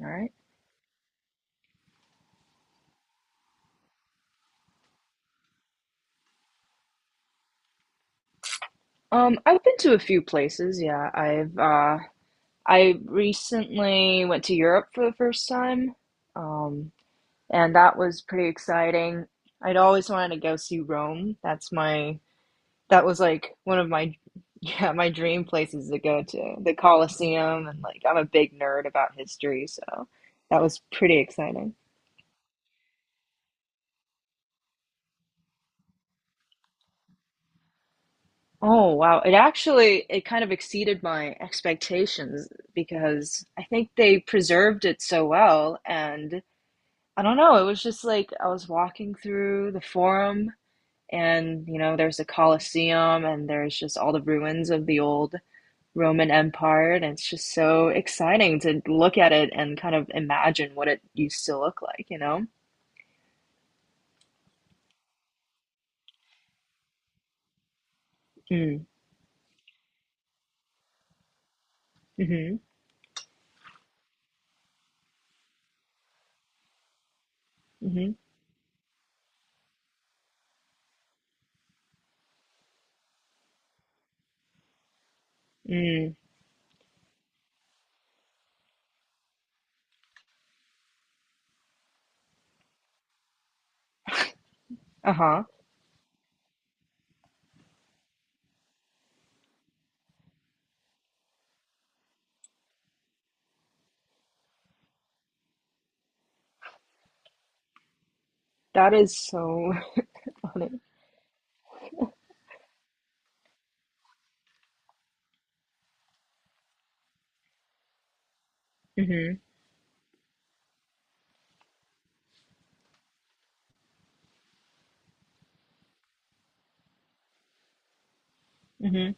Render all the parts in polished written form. All right. I've been to a few places. Yeah, I recently went to Europe for the first time, um, and that was pretty exciting. I'd always wanted to go see Rome. That was like one of my yeah my dream places to go to the Colosseum, and like I'm a big nerd about history, so that was pretty exciting. Oh wow. It kind of exceeded my expectations because I think they preserved it so well, and I don't know, it was just like I was walking through the forum, and there's the Colosseum and there's just all the ruins of the old Roman Empire, and it's just so exciting to look at it and kind of imagine what it used to look like, you know? Mm. Mm-hmm. Mm-hmm. Mm. Uh-huh. That is so funny. Mm-hmm. Mm-hmm.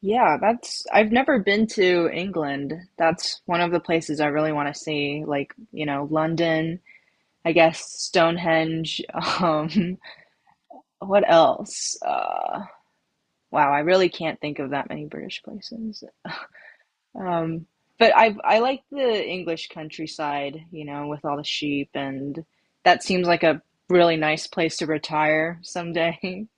Yeah, that's I've never been to England. That's one of the places I really want to see, like, London. I guess Stonehenge, um what else? Wow, I really can't think of that many British places. Um but I like the English countryside, you know, with all the sheep, and that seems like a really nice place to retire someday.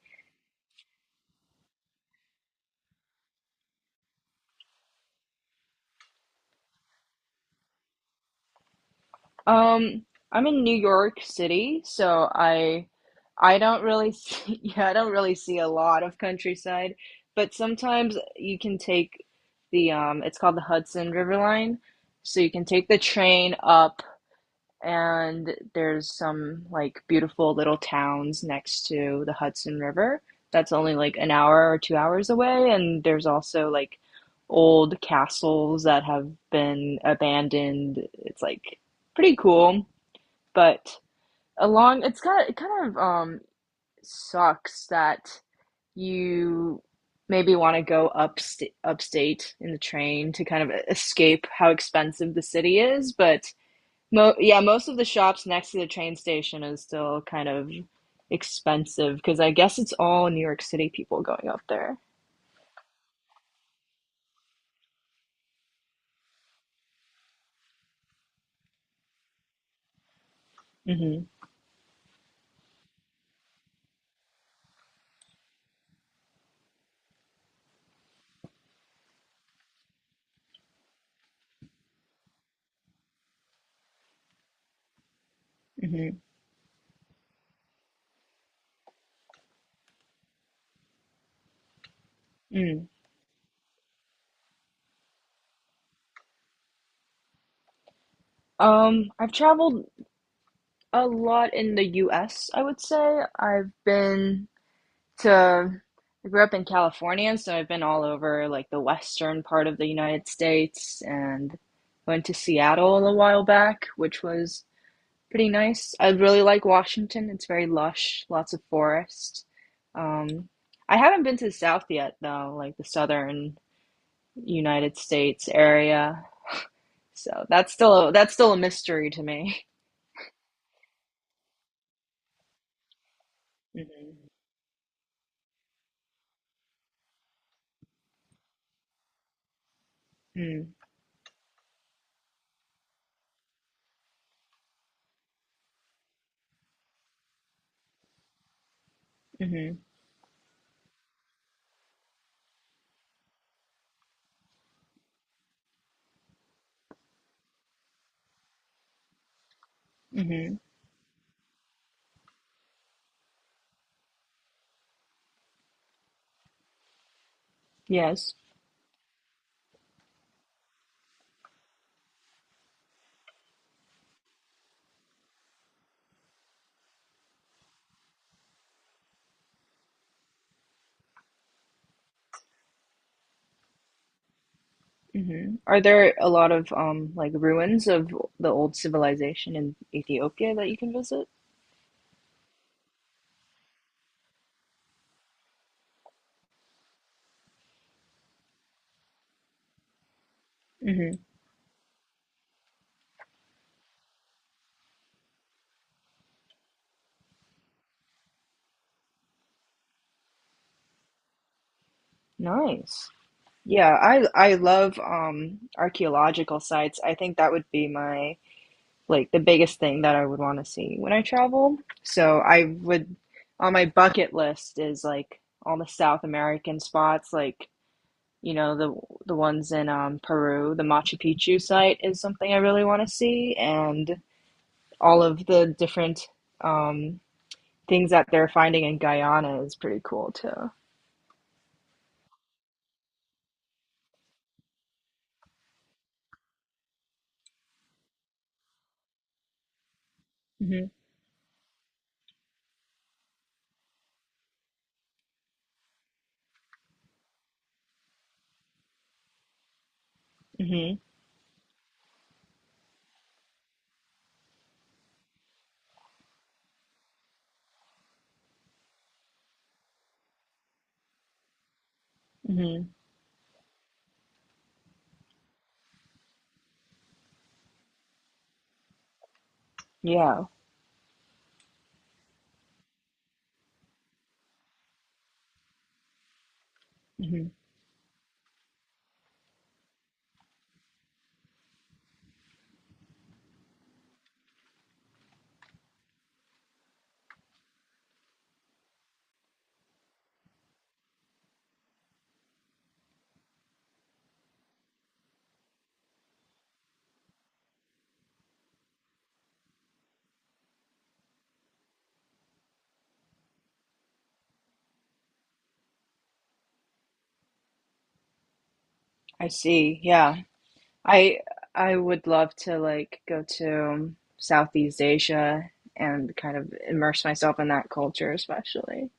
Um, I'm in New York City, so I don't really see, yeah, I don't really see a lot of countryside, but sometimes you can take the it's called the Hudson River Line, so you can take the train up, and there's some like beautiful little towns next to the Hudson River. That's only like an hour or 2 hours away, and there's also like old castles that have been abandoned. It's like pretty cool, but along it's kind of sucks that you maybe want to go upstate in the train to kind of escape how expensive the city is, but mo yeah, most of the shops next to the train station is still kind of expensive because I guess it's all New York City people going up there. Hmm. Hmm. Mm. I've traveled a lot in the US. I would say I've been to I grew up in California, so I've been all over like the western part of the United States, and went to Seattle a while back, which was pretty nice. I really like Washington. It's very lush, lots of forest. Um, I haven't been to the South yet though, like the southern United States area. So that's still a mystery to me. Hmm. Hmm. Hmm. Yes. Hmm. Are there a lot of like ruins of the old civilization in Ethiopia that you can visit? Hmm. Nice. Yeah, I love archaeological sites. I think that would be my like the biggest thing that I would want to see when I travel. So I would on my bucket list is like all the South American spots, like you know the the ones in Peru. The Machu Picchu site is something I really want to see, and all of the different um, things that they're finding in Guyana is pretty cool too. Hmm. Hmm. Hmm. Yeah. Hmm. I see. Yeah. I I would love to like go to Southeast Asia and kind of immerse myself in that culture, especially.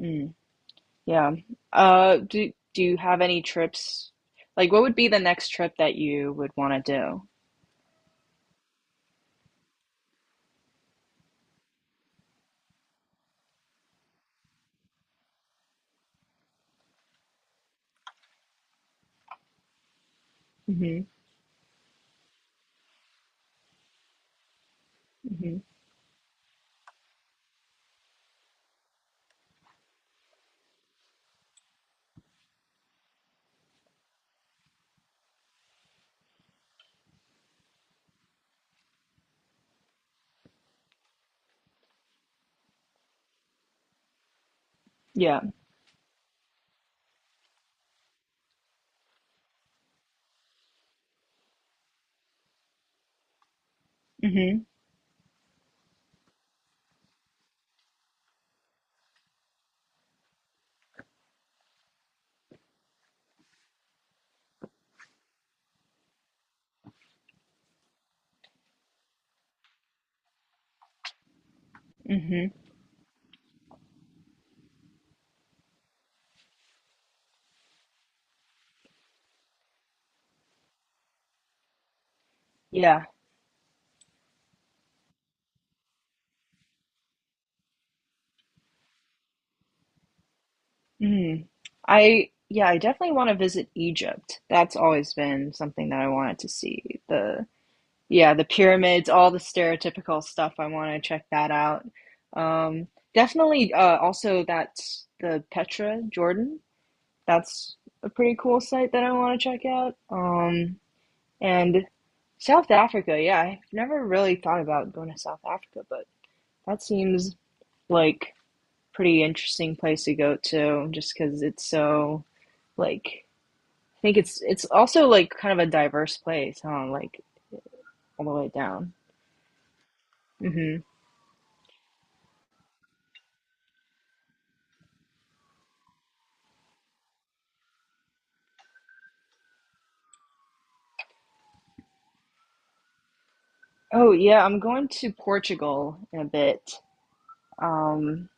Mm. Yeah. Do you have any trips? Like, what would be the next trip that you would want to do? Hmm. Hmm. Yeah. Hmm. Hmm. Yeah. Mm. I yeah, I definitely want to visit Egypt. That's always been something that I wanted to see. The yeah, the pyramids, all the stereotypical stuff. I want to check that out. Um, definitely also that's the Petra, Jordan. That's a pretty cool site that I want to check out. And South Africa, yeah, I've never really thought about going to South Africa, but that seems like pretty interesting place to go to just because it's so like, I think it's also like kind of a diverse place, huh? Like all the way down. Hmm. Oh yeah, I'm going to Portugal in a bit. Um,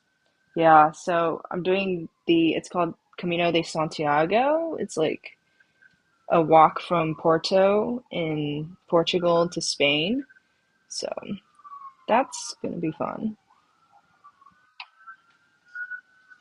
yeah, so I'm doing the it's called Camino de Santiago. It's like a walk from Porto in Portugal to Spain. So that's gonna be fun.